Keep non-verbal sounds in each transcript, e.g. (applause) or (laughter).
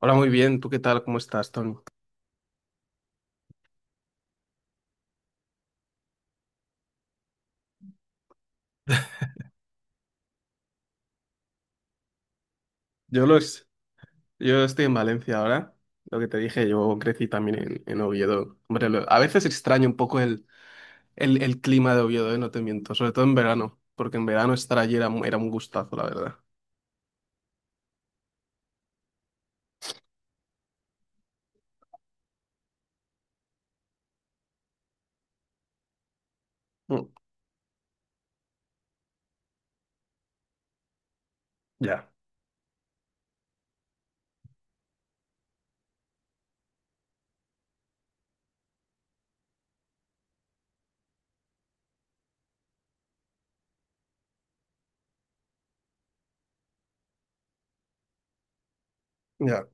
Hola, muy bien. ¿Tú qué tal? ¿Cómo estás, Tony? Yo, los, yo estoy en Valencia ahora. Lo que te dije, yo crecí también en Oviedo. Hombre, a veces extraño un poco el clima de Oviedo. No te miento. Sobre todo en verano, porque en verano estar allí era, era un gustazo, la verdad. Mm. Ya, ya.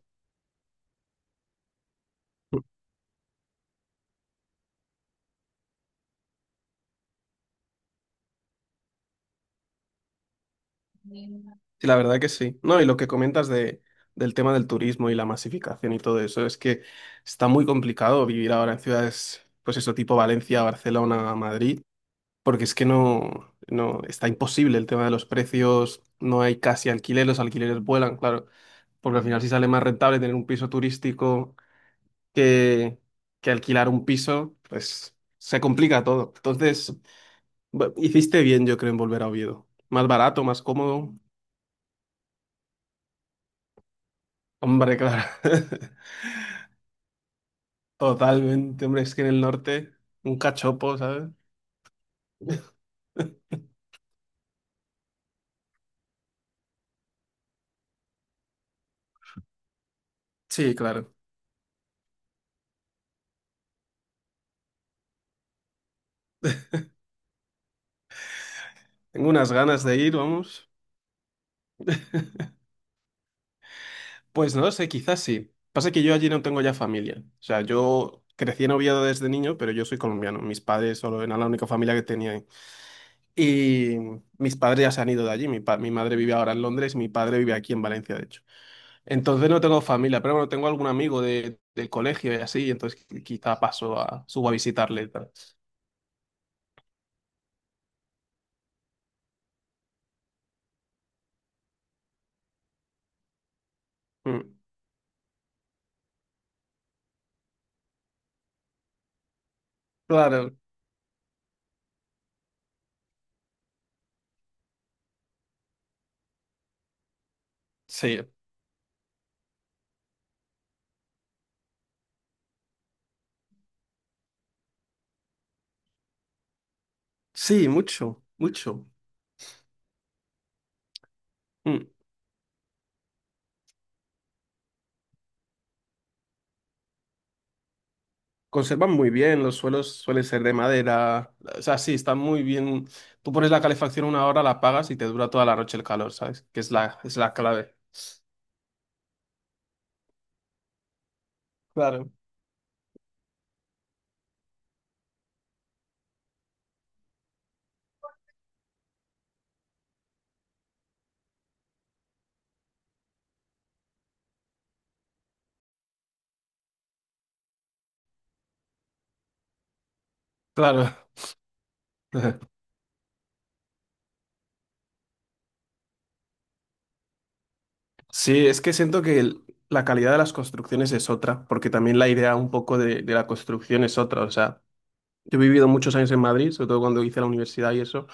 Mm. Sí, la verdad que sí. No, y lo que comentas del tema del turismo y la masificación y todo eso, es que está muy complicado vivir ahora en ciudades, pues eso, tipo Valencia, Barcelona, Madrid. Porque es que no, no, está imposible el tema de los precios, no hay casi alquiler, los alquileres vuelan, claro, porque al final si sale más rentable tener un piso turístico que, que alquilar un piso, pues se complica todo. Entonces, hiciste bien, yo creo, en volver a Oviedo. Más barato, más cómodo. Hombre, claro. (laughs) Totalmente, hombre, es que en el norte, un cachopo, ¿sabes? (laughs) Sí, claro. Tengo unas ganas de ir, vamos. Pues no lo sé, quizás sí. Pasa que yo allí no tengo ya familia. O sea, yo crecí en Oviedo desde niño, pero yo soy colombiano. Mis padres solo eran la única familia que tenía ahí. Y mis padres ya se han ido de allí. Mi madre vive ahora en Londres y mi padre vive aquí en Valencia, de hecho. Entonces no tengo familia, pero bueno, tengo algún amigo del colegio y así, entonces quizá subo a visitarle y tal. Mm. Claro, sí. Sí, mucho, mucho. Mm. Conservan muy bien, los suelos suelen ser de madera, o sea, sí, están muy bien. Tú pones la calefacción una hora, la apagas y te dura toda la noche el calor, ¿sabes? Que es la clave. Claro. Claro. (laughs) Sí, es que siento que la calidad de las construcciones es otra, porque también la idea un poco de la construcción es otra. O sea, yo he vivido muchos años en Madrid, sobre todo cuando hice la universidad y eso.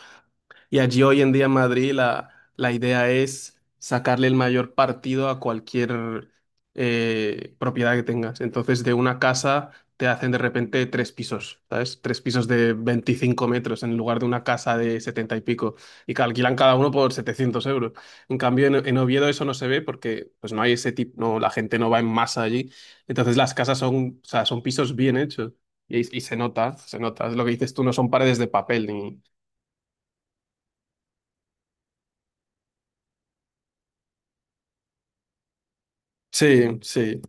Y allí hoy en día en Madrid la idea es sacarle el mayor partido a cualquier propiedad que tengas. Entonces de una casa te hacen de repente tres pisos, ¿sabes? Tres pisos de 25 metros en lugar de una casa de 70 y pico. Y que alquilan cada uno por 700€. En cambio en Oviedo eso no se ve porque pues no hay ese tipo, no, la gente no va en masa allí. Entonces las casas son, o sea, son pisos bien hechos. Y se nota, se nota. Es lo que dices tú, no son paredes de papel ni... Sí, sí.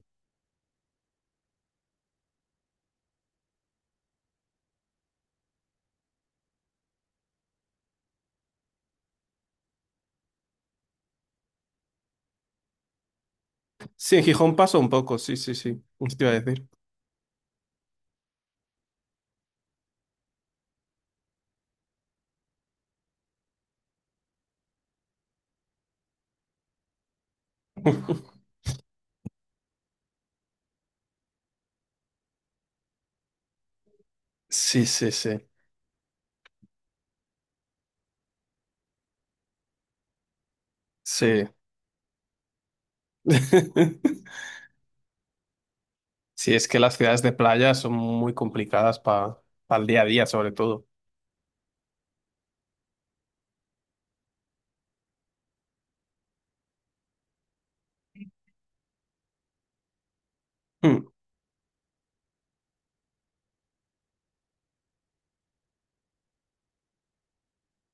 Sí, en Gijón pasa un poco, sí, sí, sí. Eso te iba a decir. (laughs) Sí, sí, sí, sí. (laughs) Sí, es que las ciudades de playa son muy complicadas para el día a día, sobre todo. Mm.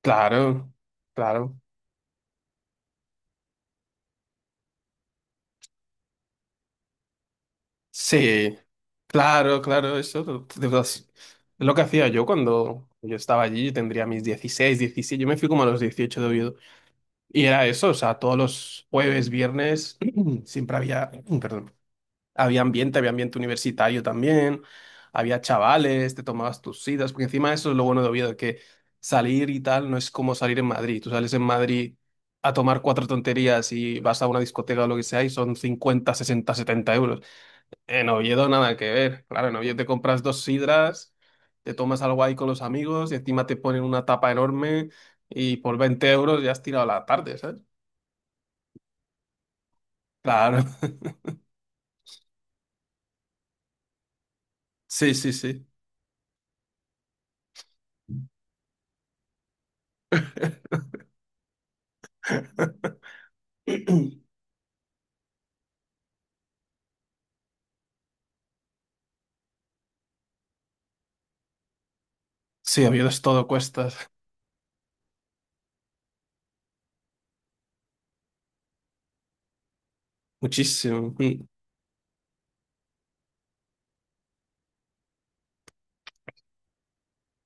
Claro, claro. Sí, claro, claro, eso. De verdad, sí. Es lo que hacía yo cuando yo estaba allí, yo tendría mis 16, 17. Yo me fui como a los 18 de Oviedo. Y era eso, o sea, todos los jueves, viernes, (clears throat) siempre había, (clears throat) perdón, había ambiente, había ambiente universitario también, había chavales, te tomabas tus citas, porque encima eso es lo bueno de Oviedo, que salir y tal no es como salir en Madrid. Tú sales en Madrid a tomar cuatro tonterías y vas a una discoteca o lo que sea y son 50 60 70€. En Oviedo nada que ver. Claro, en Oviedo te compras dos sidras, te tomas algo ahí con los amigos y encima te ponen una tapa enorme y por 20€ ya has tirado la tarde, ¿sabes? Claro. (laughs) Sí, sí, sí. (laughs) (clears throat) Sí, Oviedo es todo cuestas, muchísimo. Y,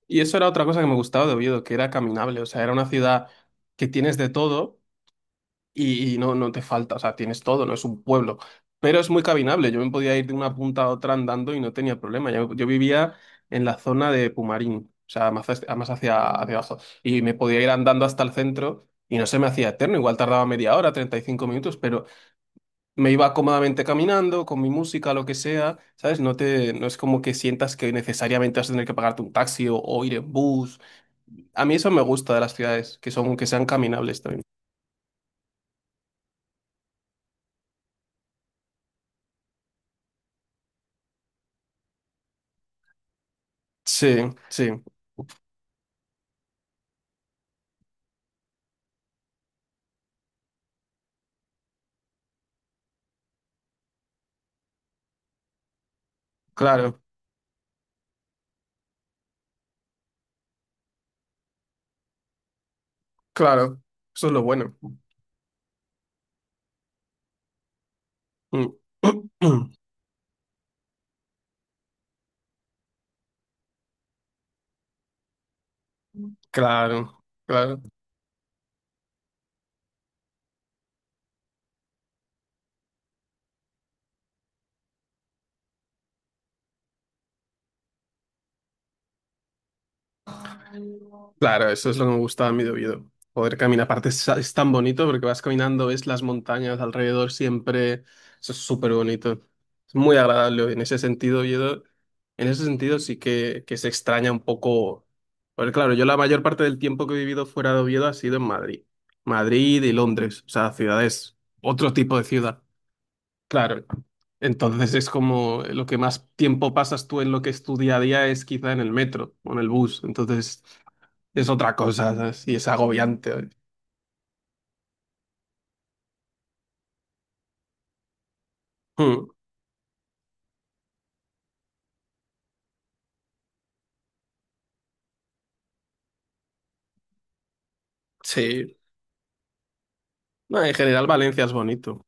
y eso era otra cosa que me gustaba de Oviedo, que era caminable, o sea, era una ciudad que tienes de todo y no, no te falta, o sea, tienes todo, no es un pueblo, pero es muy caminable, yo me podía ir de una punta a otra andando y no tenía problema, yo vivía en la zona de Pumarín, o sea, más, más hacia abajo, y me podía ir andando hasta el centro y no se me hacía eterno, igual tardaba media hora, 35 minutos, pero me iba cómodamente caminando con mi música, lo que sea, ¿sabes? No es como que sientas que necesariamente vas a tener que pagarte un taxi o ir en bus. A mí eso me gusta de las ciudades, que son, que sean caminables también. Sí, sí, claro, claro. Eso es lo bueno. Mm. (clears throat) Claro, claro. Claro, eso es lo que me gustaba a mí de Oviedo. Poder caminar, aparte es tan bonito porque vas caminando, ves las montañas alrededor siempre, eso es súper bonito. Es muy agradable en ese sentido, Oviedo. En ese sentido sí que se extraña un poco. Porque claro, yo la mayor parte del tiempo que he vivido fuera de Oviedo ha sido en Madrid. Madrid y Londres, o sea, ciudades, otro tipo de ciudad. Claro. Entonces es como lo que más tiempo pasas tú en lo que es tu día a día es quizá en el metro o en el bus. Entonces es otra cosa, ¿sabes? Y es agobiante. ¿Sabes? Mm, sí. No, en general Valencia es bonito.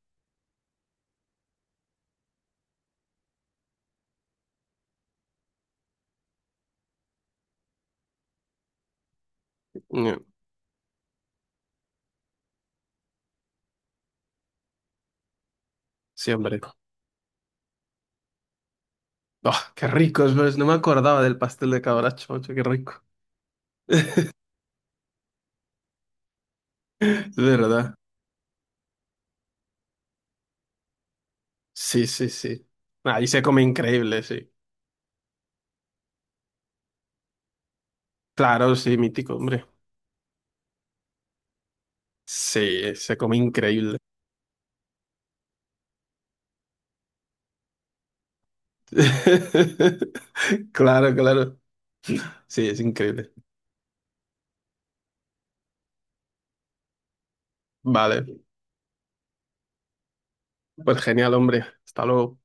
Mm. Sí, hombre. Oh, qué rico, es verdad. No me acordaba del pastel de cabracho, macho, qué rico. (laughs) Es verdad. Sí, sí, sí. Ahí se come increíble, sí. Claro, sí, mítico, hombre. Sí, se come increíble. (laughs) Claro, claro. Sí, es increíble. Vale. Pues genial, hombre. Hasta luego.